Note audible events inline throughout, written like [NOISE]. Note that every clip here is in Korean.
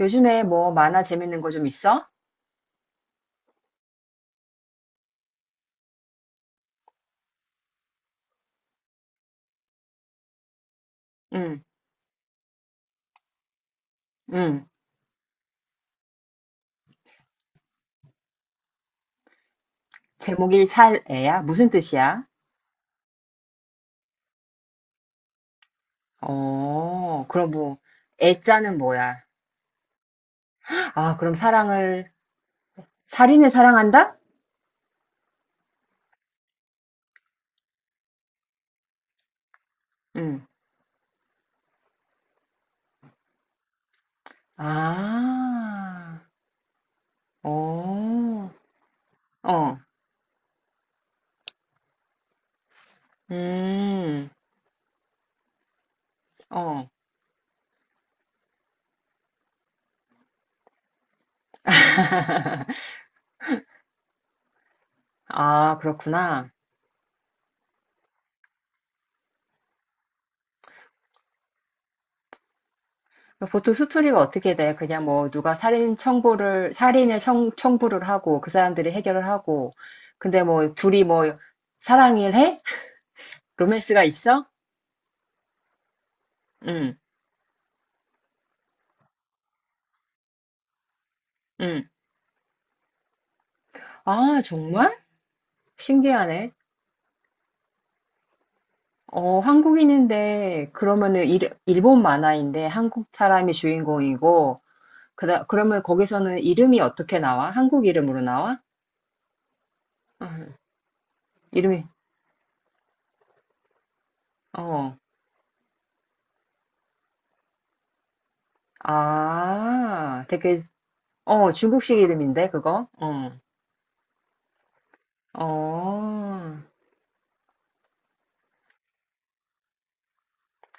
요즘에 뭐 만화 재밌는 거 좀 있어? 응, 응. 제목이 살 애야? 무슨 뜻이야? 어, 그럼 뭐, 애자는 뭐야? 아, 그럼 사랑을, 살인을 사랑한다? 응. 아, 어, 어, 음, 어. 아, 그렇구나. 보통 스토리가 어떻게 돼? 그냥 뭐 누가 살인 청부를, 살인을 청부를 하고 그 사람들이 해결을 하고 근데 뭐 둘이 뭐 사랑을 해? 로맨스가 있어? 응, 응. 아, 정말? 신기하네. 어, 한국인인데, 그러면은 일본 만화인데 한국 사람이 주인공이고, 그러면 거기서는 이름이 어떻게 나와? 한국 이름으로 나와? 응. 이름이, 어, 아, 되게, 어, 중국식 이름인데, 그거? 어, 어,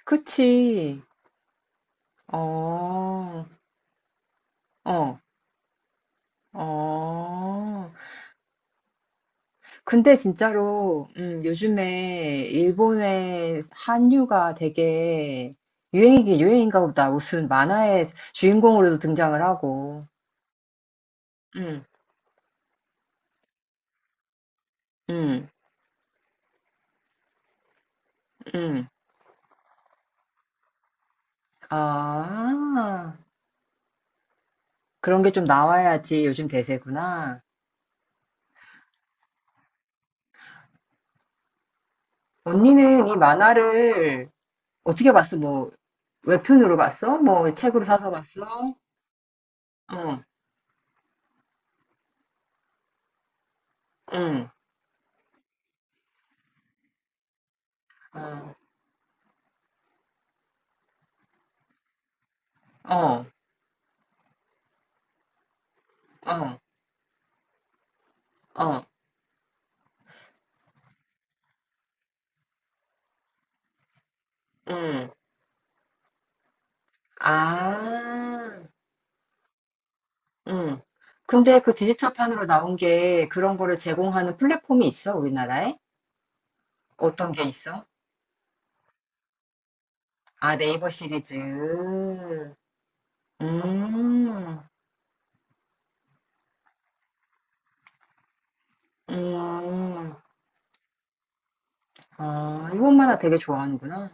그치. 어, 어, 어. 근데 진짜로 요즘에 일본의 한류가 되게 유행이긴 유행인가 보다. 무슨 만화의 주인공으로도 등장을 하고. 음, 음, 음. 아, 그런 게 좀 나와야지 요즘 대세구나. 언니는 이 만화를 어떻게 봤어? 뭐 웹툰으로 봤어? 뭐 책으로 사서 봤어? 어, 응, 어, 어, 어, 어, 응. 아, 응. 근데 그 디지털 판으로 나온 게 그런 거를 제공하는 플랫폼이 있어, 우리나라에? 어떤 게 있어? 아, 네이버 시리즈. 음, 음, 아 일본 만화 되게 좋아하는구나.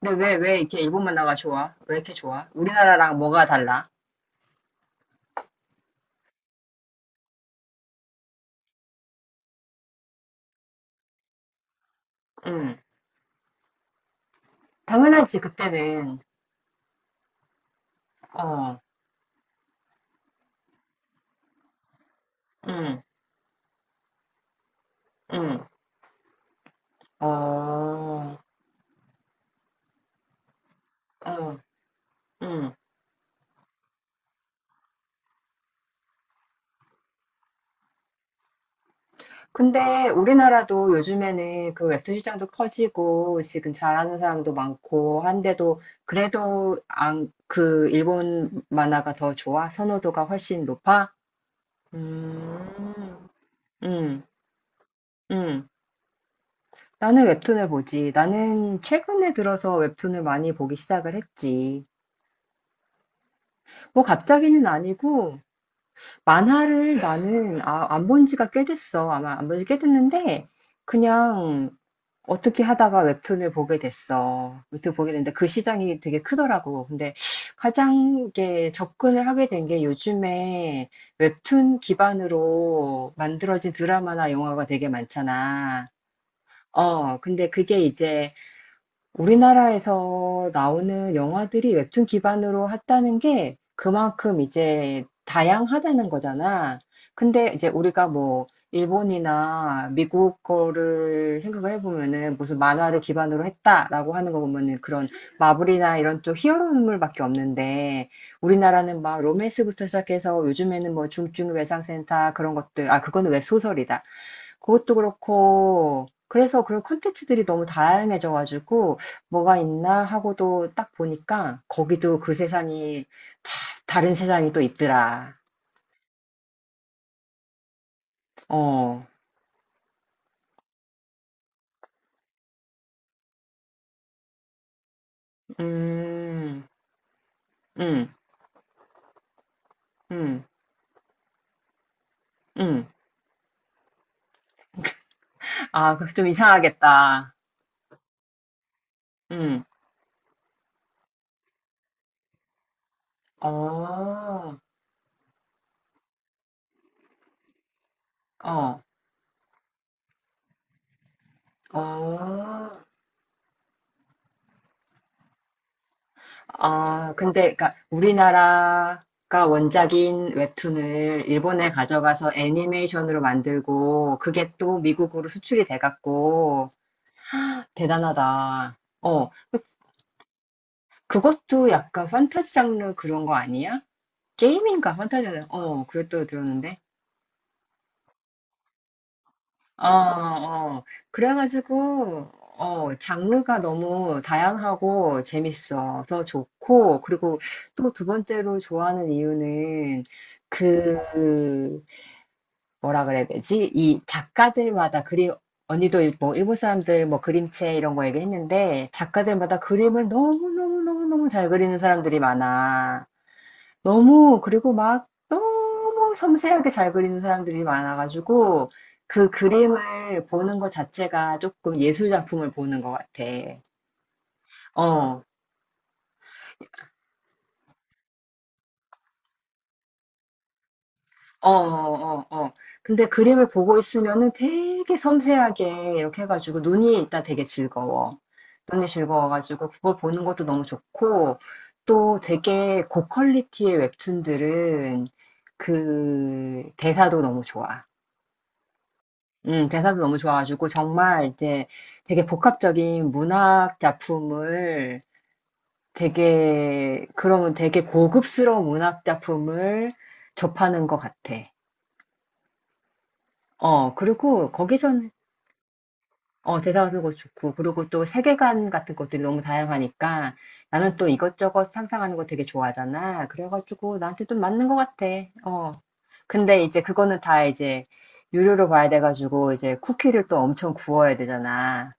근데 왜 이렇게 일본 만화가 좋아? 왜 이렇게 좋아? 우리나라랑 뭐가 달라? 음, 당연하지, 그때는. 어, 음, 음, 어, 어, 음. 근데 우리나라도 요즘에는 그 웹툰 시장도 커지고 지금 잘하는 사람도 많고 한데도 그래도 안, 그 일본 만화가 더 좋아? 선호도가 훨씬 높아? 음, 음, 음. 나는 웹툰을 보지. 나는 최근에 들어서 웹툰을 많이 보기 시작을 했지. 뭐 갑자기는 아니고 만화를 나는 안본 지가 꽤 됐어. 아마 안 본지 꽤 됐는데 그냥 어떻게 하다가 웹툰을 보게 됐어. 웹툰 보게 됐는데 그 시장이 되게 크더라고. 근데 가장 이게 접근을 하게 된 게 요즘에 웹툰 기반으로 만들어진 드라마나 영화가 되게 많잖아. 어, 근데 그게 이제 우리나라에서 나오는 영화들이 웹툰 기반으로 했다는 게 그만큼 이제 다양하다는 거잖아. 근데 이제 우리가 뭐 일본이나 미국 거를 생각을 해보면은 무슨 만화를 기반으로 했다라고 하는 거 보면은 그런 마블이나 이런 쪽 히어로물밖에 없는데 우리나라는 막 로맨스부터 시작해서 요즘에는 뭐 중증 외상센터 그런 것들, 아, 그거는 웹소설이다. 그것도 그렇고 그래서 그런 콘텐츠들이 너무 다양해져가지고 뭐가 있나 하고도 딱 보니까 거기도 그 세상이 참 다른 세상이 또 있더라. 어, 음, 음, 음, 음. 아, 그거 좀 이상하겠다. 음, 어, 어, 어. 아, 근데 그러니까 우리나라가 원작인 웹툰을 일본에 가져가서 애니메이션으로 만들고 그게 또 미국으로 수출이 돼갖고 대단하다. 그것도 약간 판타지 장르 그런 거 아니야? 게임인가? 판타지 장르. 어, 그랬다고 들었는데. 어, 어. 그래가지고, 어, 장르가 너무 다양하고 재밌어서 좋고, 그리고 또 두 번째로 좋아하는 이유는 그, 뭐라 그래야 되지? 이 작가들마다 그림, 언니도 뭐 일본 사람들 뭐 그림체 이런 거 얘기했는데, 작가들마다 그림을 너무너무너무너무 잘 그리는 사람들이 많아. 너무 그리고 막 너무 섬세하게 잘 그리는 사람들이 많아가지고 그 그림을 보는 것 자체가 조금 예술 작품을 보는 것 같아. 어, 어, 어, 어. 근데 그림을 보고 있으면은 되게 섬세하게 이렇게 해가지고 눈이 일단 되게 즐거워. 눈이 즐거워가지고 그걸 보는 것도 너무 좋고 또 되게 고퀄리티의 웹툰들은 그 대사도 너무 좋아. 대사도 너무 좋아가지고 정말 이제 되게 복합적인 문학 작품을 되게 그러면 되게 고급스러운 문학 작품을 접하는 것 같아. 어, 그리고 거기서는 어, 대사가 쓰고 좋고 그리고 또 세계관 같은 것들이 너무 다양하니까 나는 또 이것저것 상상하는 거 되게 좋아하잖아. 그래가지고 나한테 좀 맞는 것 같아. 어. 근데 이제 그거는 다 이제 유료로 봐야 돼가지고 이제 쿠키를 또 엄청 구워야 되잖아.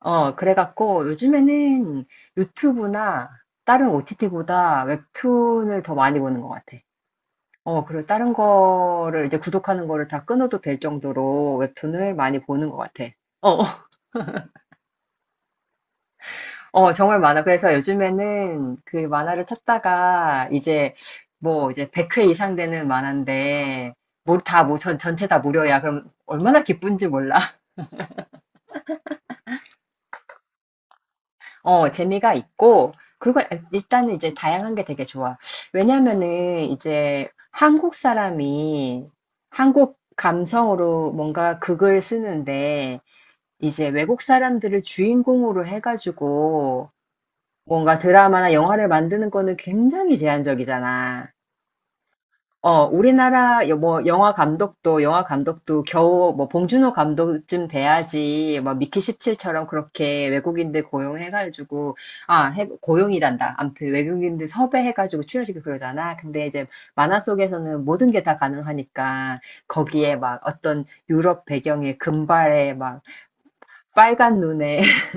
어, 그래갖고 요즘에는 유튜브나 다른 OTT보다 웹툰을 더 많이 보는 것 같아. 어, 그리고 다른 거를 이제 구독하는 거를 다 끊어도 될 정도로 웹툰을 많이 보는 것 같아. 어, 어, 어, 정말 많아. 그래서 요즘에는 그 만화를 찾다가 이제 뭐 이제 100회 이상 되는 만화인데 전체 다 무료야. 그럼 얼마나 기쁜지 몰라. 어, 재미가 있고, 그걸 일단은 이제 다양한 게 되게 좋아. 왜냐면은 이제 한국 사람이 한국 감성으로 뭔가 극을 쓰는데, 이제 외국 사람들을 주인공으로 해가지고 뭔가 드라마나 영화를 만드는 거는 굉장히 제한적이잖아. 어, 우리나라 뭐 영화 감독도 영화 감독도 겨우 뭐 봉준호 감독쯤 돼야지 뭐 미키 17처럼 그렇게 외국인들 고용해가지고 고용이란다. 아무튼 외국인들 섭외해가지고 출연시키고 그러잖아. 근데 이제 만화 속에서는 모든 게 다 가능하니까 거기에 막 어떤 유럽 배경에 금발에 막 빨간 눈에 [LAUGHS]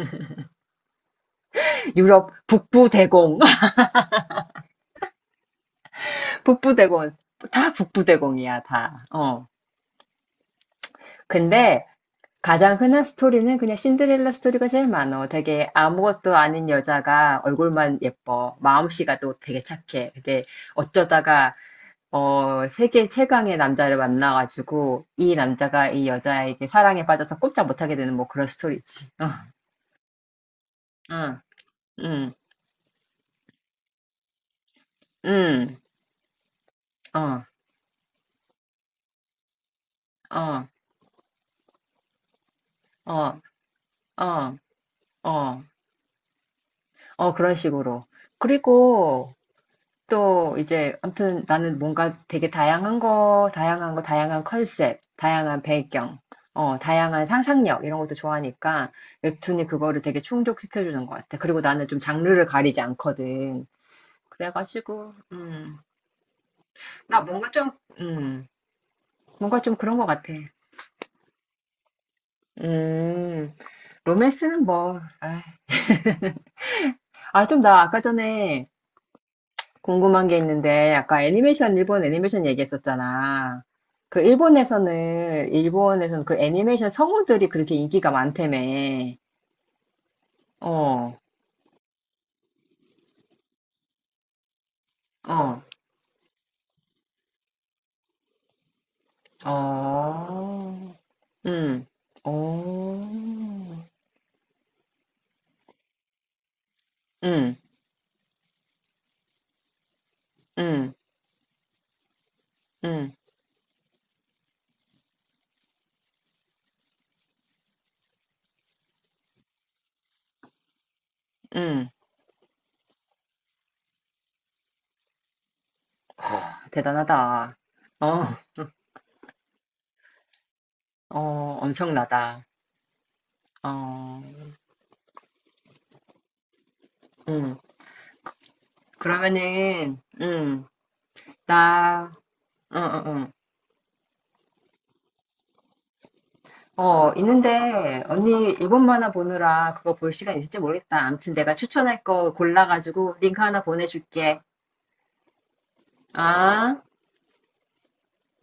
유럽 북부 대공 북부 대공 [LAUGHS] 다 북부 대공이야 다. 어. 근데 가장 흔한 스토리는 그냥 신데렐라 스토리가 제일 많어. 되게 아무것도 아닌 여자가 얼굴만 예뻐. 마음씨가 또 되게 착해. 근데 어쩌다가 어, 세계 최강의 남자를 만나가지고 이 남자가 이 여자에게 사랑에 빠져서 꼼짝 못하게 되는 뭐 그런 스토리지. 어, 응, 응, 응, 어, 어, 어, 어, 어, 어, 그런 식으로. 그리고 또 이제 아무튼 나는 뭔가 되게 다양한 거, 다양한 거, 다양한 컨셉, 다양한 배경, 어, 다양한 상상력 이런 것도 좋아하니까 웹툰이 그거를 되게 충족시켜주는 것 같아. 그리고 나는 좀 장르를 가리지 않거든. 그래가지고 나 뭔가 좀 음, 뭔가 좀 그런 것 같아. 음, 로맨스는 뭐, 아, 아, 좀나 아까 전에 궁금한 게 있는데, 아까 애니메이션, 일본 애니메이션 얘기했었잖아. 그 일본에서는, 일본에서는 그 애니메이션 성우들이 그렇게 인기가 많다며. 어, 어, 어, 음, 어, 음, 음, 음, 음. 대단하다. 어, 어, 엄청나다. 어, 음. 그러면은, 나, 응, 응, 응. 어, 있는데, 언니, 일본 만화 보느라 그거 볼 시간 있을지 모르겠다. 아무튼 내가 추천할 거 골라가지고 링크 하나 보내줄게. 아?